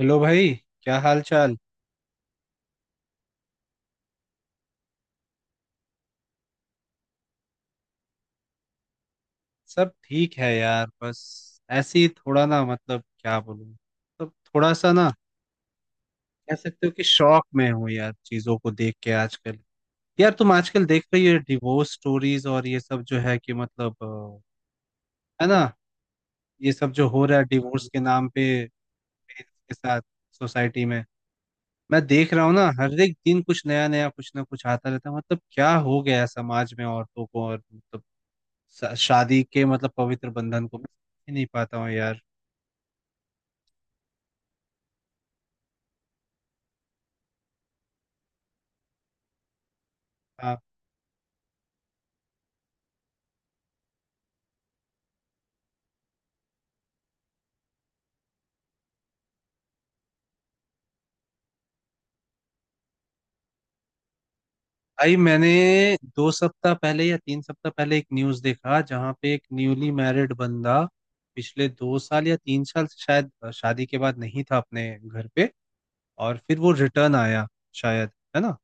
Hello भाई। क्या हाल चाल। सब ठीक है यार। बस ऐसे ही थोड़ा ना, मतलब क्या बोलूं, तो थोड़ा सा ना, कह सकते हो कि शौक में हूँ यार, चीजों को देख के आजकल। यार तुम आजकल देख रही हो डिवोर्स स्टोरीज और ये सब जो है कि मतलब है ना। ये सब जो हो रहा है डिवोर्स के नाम पे, parents के साथ, सोसाइटी में। मैं देख रहा हूँ ना, हर एक दिन कुछ नया नया, कुछ ना कुछ आता रहता है। मतलब क्या हो गया है समाज में औरतों को, और मतलब शादी के, मतलब पवित्र बंधन को मैं समझ ही नहीं पाता हूँ यार। हाँ भाई। मैंने 2 सप्ताह पहले या 3 सप्ताह पहले एक न्यूज देखा, जहाँ पे एक न्यूली मैरिड बंदा पिछले 2 साल या 3 साल से शायद शादी के बाद नहीं था अपने घर पे। और फिर वो रिटर्न आया, शायद, है ना।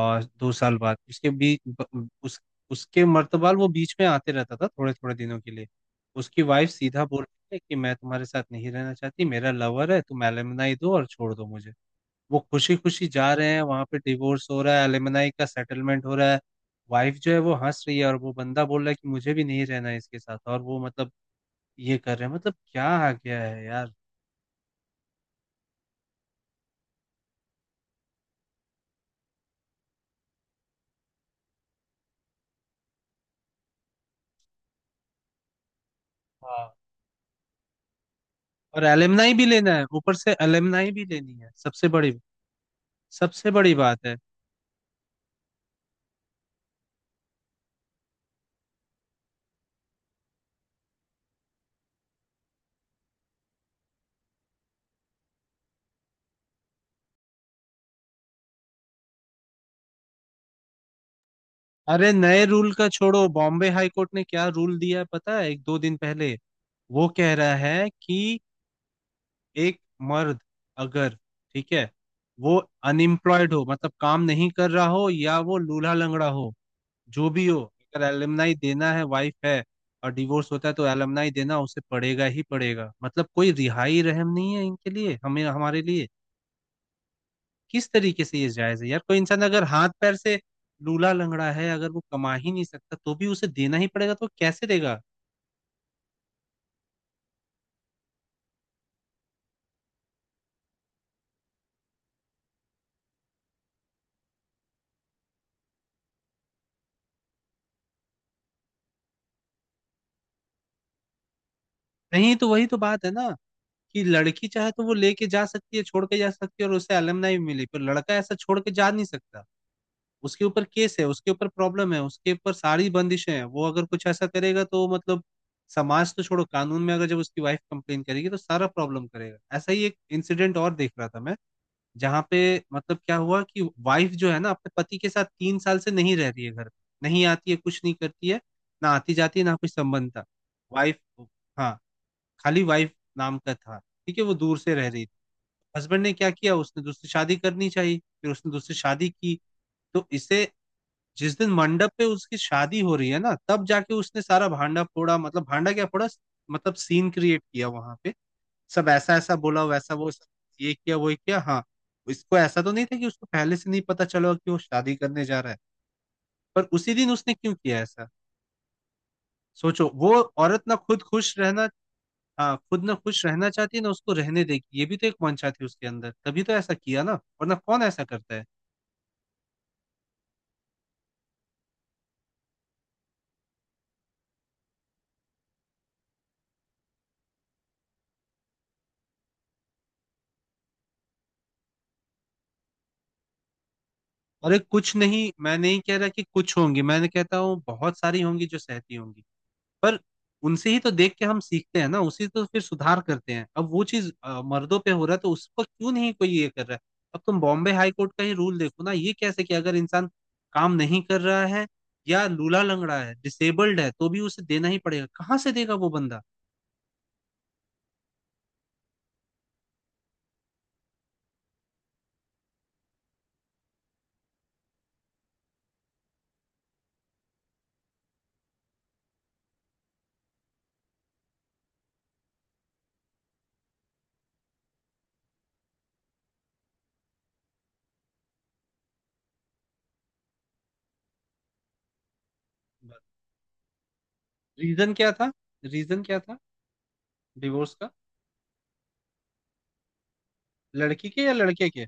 और 2 साल बाद उसके बीच उस उसके मर्तबाल वो बीच में आते रहता था थोड़े थोड़े दिनों के लिए। उसकी वाइफ सीधा बोल रही है कि मैं तुम्हारे साथ नहीं रहना चाहती, मेरा लवर है, तुम एलिमनाई दो और छोड़ दो मुझे। वो खुशी खुशी जा रहे हैं, वहां पे डिवोर्स हो रहा है, एलिमनाई का सेटलमेंट हो रहा है। वाइफ जो है वो हंस रही है, और वो बंदा बोल रहा है कि मुझे भी नहीं रहना है इसके साथ, और वो मतलब ये कर रहे हैं। मतलब क्या आ गया है यार। हाँ। और एलिमनाई भी लेना है, ऊपर से एलिमनाई भी लेनी है। सबसे बड़ी, सबसे बड़ी बात है। अरे नए रूल का छोड़ो, बॉम्बे हाई कोर्ट ने क्या रूल दिया है पता है एक दो दिन पहले। वो कह रहा है कि एक मर्द, अगर, ठीक है, वो अनएम्प्लॉयड हो, मतलब काम नहीं कर रहा हो, या वो लूल्हा लंगड़ा हो, जो भी हो, अगर एलमनाई देना है, वाइफ है और डिवोर्स होता है, तो एलमनाई देना उसे पड़ेगा ही पड़ेगा। मतलब कोई रिहाई रहम नहीं है इनके लिए, हमें, हमारे लिए। किस तरीके से ये जायज है यार? कोई इंसान अगर हाथ पैर से लूला लंगड़ा है, अगर वो कमा ही नहीं सकता, तो भी उसे देना ही पड़ेगा। तो वो कैसे देगा? नहीं, तो वही तो बात है ना कि लड़की चाहे तो वो लेके जा सकती है, छोड़ के जा सकती है, और उसे अलमनाई भी मिली, पर लड़का ऐसा छोड़ के जा नहीं सकता। उसके ऊपर केस है, उसके ऊपर प्रॉब्लम है, उसके ऊपर सारी बंदिशें हैं। वो अगर कुछ ऐसा करेगा तो मतलब, समाज तो छोड़ो, कानून में अगर जब उसकी वाइफ कंप्लेन करेगी तो सारा प्रॉब्लम करेगा। ऐसा ही एक इंसिडेंट और देख रहा था मैं, जहाँ पे मतलब क्या हुआ कि वाइफ जो है ना, अपने पति के साथ 3 साल से नहीं रह रही है, घर पे नहीं आती है, कुछ नहीं करती है, ना आती जाती है, ना कुछ संबंध था। वाइफ, हाँ, खाली वाइफ नाम का था, ठीक है, वो दूर से रह रही है। हस्बैंड ने क्या किया, उसने दूसरी शादी करनी चाहिए, फिर उसने दूसरी शादी की। तो इसे, जिस दिन मंडप पे उसकी शादी हो रही है ना, तब जाके उसने सारा भांडा फोड़ा। मतलब भांडा क्या फोड़ा, मतलब सीन क्रिएट किया वहां पे। सब ऐसा ऐसा बोला वैसा वो सब, ये किया वो किया, हाँ। इसको ऐसा तो नहीं था कि उसको पहले से नहीं पता चला कि वो शादी करने जा रहा है, पर उसी दिन उसने क्यों किया ऐसा? सोचो। वो औरत ना खुद खुश रहना, हाँ खुद ना खुश रहना चाहती है ना उसको रहने देगी, ये भी तो एक मंशा थी उसके अंदर, तभी तो ऐसा किया ना, वरना कौन ऐसा करता है। अरे कुछ नहीं, मैं नहीं कह रहा कि कुछ होंगी, मैंने कहता हूँ बहुत सारी होंगी जो सहती होंगी, पर उनसे ही तो देख के हम सीखते हैं ना, उसी तो फिर सुधार करते हैं। अब वो चीज मर्दों पे हो रहा है, तो उसको क्यों नहीं कोई ये कर रहा है? अब तुम बॉम्बे हाई कोर्ट का ही रूल देखो ना, ये कैसे कि अगर इंसान काम नहीं कर रहा है, या लूला लंगड़ा है, डिसेबल्ड है, तो भी उसे देना ही पड़ेगा। कहाँ से देगा वो बंदा? रीजन क्या था? रीजन क्या था डिवोर्स का? लड़की के या लड़के के?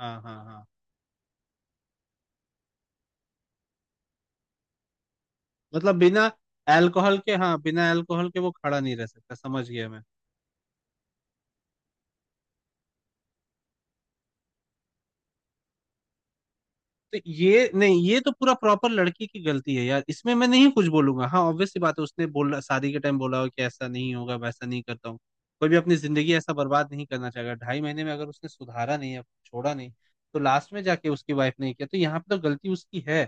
हाँ, हाँ, हाँ। मतलब बिना अल्कोहल के, हाँ, बिना अल्कोहल के वो खड़ा नहीं रह सकता, समझ गया मैं। तो ये नहीं, ये तो पूरा प्रॉपर लड़की की गलती है यार, इसमें मैं नहीं कुछ बोलूंगा। हाँ, ऑब्वियस सी बात है, उसने बोला, शादी के टाइम बोला हो कि ऐसा नहीं होगा, वैसा नहीं करता हूँ। कोई भी अपनी जिंदगी ऐसा बर्बाद नहीं करना चाहेगा, 2.5 महीने में अगर उसने सुधारा नहीं है, छोड़ा नहीं, तो लास्ट में जाके उसकी वाइफ ने किया, तो यहाँ पे तो गलती उसकी है।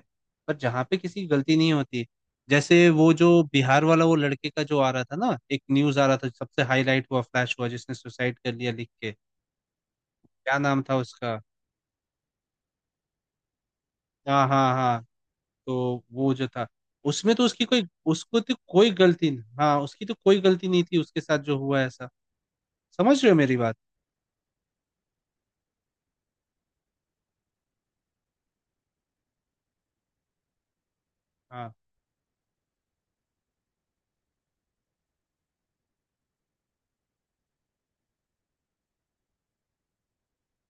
पर जहाँ पे किसी की गलती नहीं होती, जैसे वो जो बिहार वाला, वो लड़के का जो आ रहा था ना, एक न्यूज आ रहा था, सबसे हाईलाइट हुआ, फ्लैश हुआ, जिसने सुसाइड कर लिया लिख के, क्या नाम था उसका। हाँ, हाँ, हाँ। तो वो जो था उसमें तो उसकी कोई, उसको तो कोई गलती नहीं, हाँ, उसकी तो कोई गलती नहीं थी, उसके साथ जो हुआ ऐसा। समझ रहे हो मेरी बात? हाँ।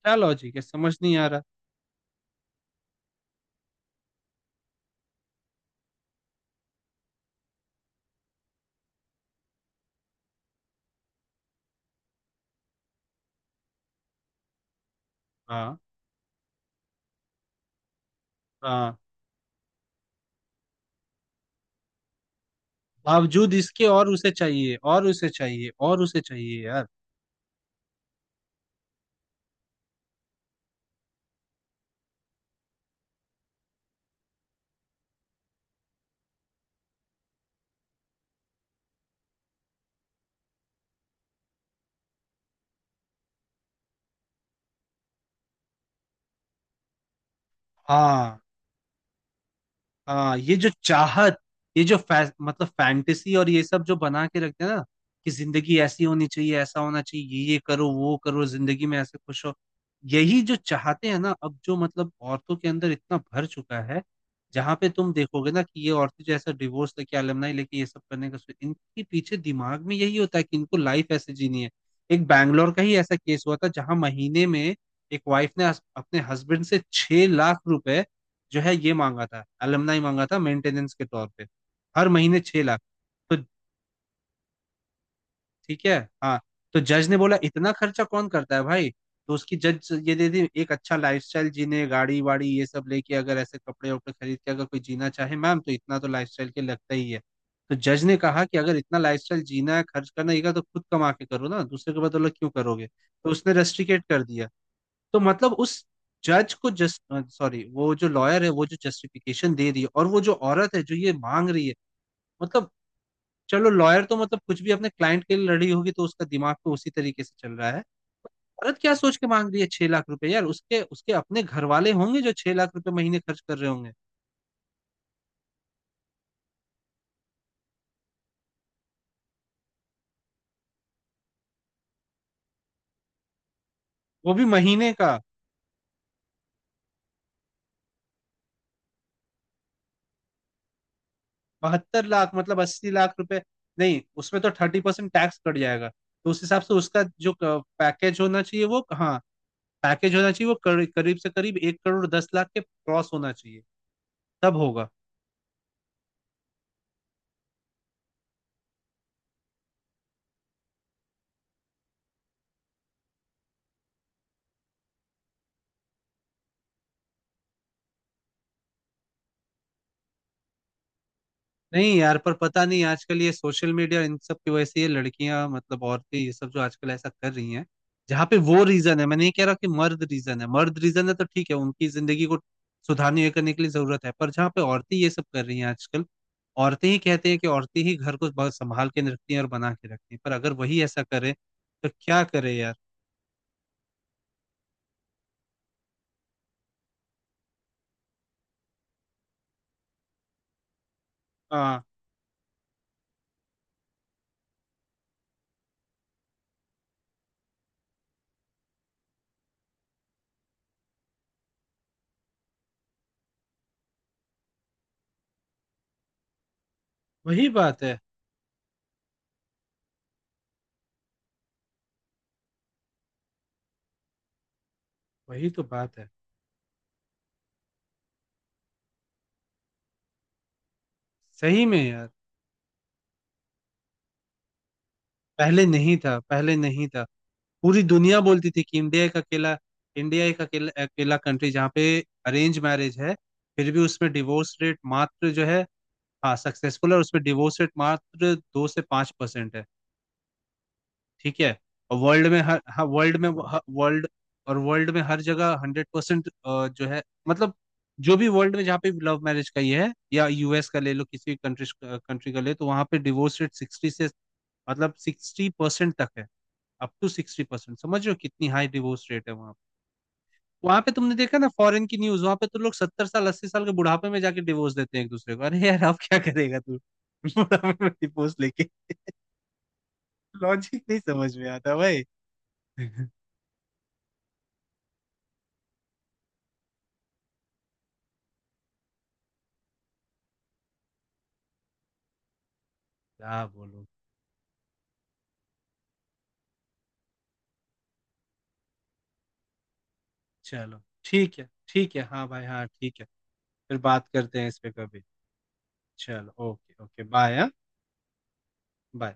क्या लॉजिक है, समझ नहीं आ रहा। हाँ, हाँ, बावजूद इसके और उसे चाहिए, और उसे चाहिए, और उसे चाहिए यार। हाँ, हाँ। ये जो चाहत, ये जो मतलब फैंटेसी और ये सब जो बना के रखते हैं ना, कि जिंदगी ऐसी होनी चाहिए, ऐसा होना चाहिए, ये करो, वो करो, जिंदगी में ऐसे खुश हो, यही जो चाहते हैं ना, अब जो मतलब औरतों के अंदर इतना भर चुका है, जहां पे तुम देखोगे ना कि ये औरतें जो ऐसा डिवोर्स लेके, अलमनाई लेके ये सब करने का इनके पीछे दिमाग में यही होता है कि इनको लाइफ ऐसे जीनी है। एक बैंगलोर का ही ऐसा केस हुआ था, जहां महीने में एक वाइफ ने अपने हस्बैंड से 6 लाख रुपए जो है ये मांगा था, अलमनाई मांगा था, मेंटेनेंस के तौर पे, हर महीने 6 लाख। तो, ठीक है, हाँ, तो जज ने बोला इतना खर्चा कौन करता है भाई। तो उसकी जज ये दे दी, एक अच्छा लाइफस्टाइल जीने, गाड़ी वाड़ी ये सब लेके, अगर ऐसे कपड़े वपड़े खरीद के अगर कोई जीना चाहे मैम, तो इतना तो लाइफस्टाइल के लगता ही है। तो जज ने कहा कि अगर इतना लाइफस्टाइल जीना है, खर्च करना है, तो खुद कमा के करो ना, दूसरे के बदौलत क्यों करोगे। तो उसने रेस्ट्रिकेट कर दिया। तो मतलब उस जज को, जस्ट, सॉरी, वो जो लॉयर है, वो जो जस्टिफिकेशन दे रही है, और वो जो औरत है जो ये मांग रही है, मतलब, चलो लॉयर तो मतलब कुछ भी अपने क्लाइंट के लिए लड़ी होगी, तो उसका दिमाग तो उसी तरीके से चल रहा है। औरत क्या सोच के मांग रही है 6 लाख रुपए यार, उसके, उसके अपने घर वाले होंगे जो 6 लाख रुपए महीने खर्च कर रहे होंगे। वो भी महीने का 72 लाख, मतलब 80 लाख रुपए, नहीं उसमें तो 30% टैक्स कट जाएगा, तो उस हिसाब से उसका जो पैकेज होना चाहिए वो, हाँ, पैकेज होना चाहिए वो करीब से करीब 1 करोड़ 10 लाख के क्रॉस होना चाहिए, तब होगा। नहीं यार, पर पता नहीं आजकल ये सोशल मीडिया इन सब की वजह से ये लड़कियां, मतलब औरतें ये सब जो आजकल ऐसा कर रही हैं, जहाँ पे वो रीजन है, मैं नहीं कह रहा कि मर्द रीजन है, मर्द रीजन है तो ठीक है, उनकी जिंदगी को सुधारने, ये करने के लिए जरूरत है, पर जहाँ पे औरतें ये सब कर रही हैं आजकल, औरतें ही कहते हैं कि औरतें ही घर को बहुत संभाल के रखती हैं और बना के रखती हैं, पर अगर वही ऐसा करे तो क्या करे यार। हाँ, वही बात है, वही तो बात है। सही में यार। पहले नहीं था, पहले नहीं था। पूरी दुनिया बोलती थी कि इंडिया एक अकेला अकेला कंट्री, जहाँ पे अरेंज मैरिज है, फिर भी उसमें डिवोर्स रेट मात्र जो है, हाँ, सक्सेसफुल है, और उसमें डिवोर्स रेट मात्र 2 से 5% है, ठीक है। और वर्ल्ड में हर, हाँ, वर्ल्ड में, वर्ल्ड, और वर्ल्ड में हर जगह 100% जो है, मतलब जो भी वर्ल्ड में, जहाँ पे लव मैरिज का ये है, या यूएस का ले लो, किसी भी कंट्री कंट्री का ले, तो वहाँ पे डिवोर्स रेट सिक्सटी से, मतलब 60% तक है, अप टू 60%। समझ रहे हो कितनी हाई डिवोर्स रेट है वहाँ पे। वहाँ पे तुमने देखा ना, फॉरेन की न्यूज, वहाँ पे तो लोग 70 साल, 80 साल के बुढ़ापे में जाके डिवोर्स देते हैं एक दूसरे को। अरे यार अब क्या करेगा तू बुढ़ापे में डिवोर्स लेके। लॉजिक नहीं समझ में आता भाई। क्या बोलूं। चलो ठीक है, ठीक है, हाँ भाई, हाँ ठीक है। फिर बात करते हैं इस पे कभी। चलो ओके, ओके, बाय। हाँ, बाय।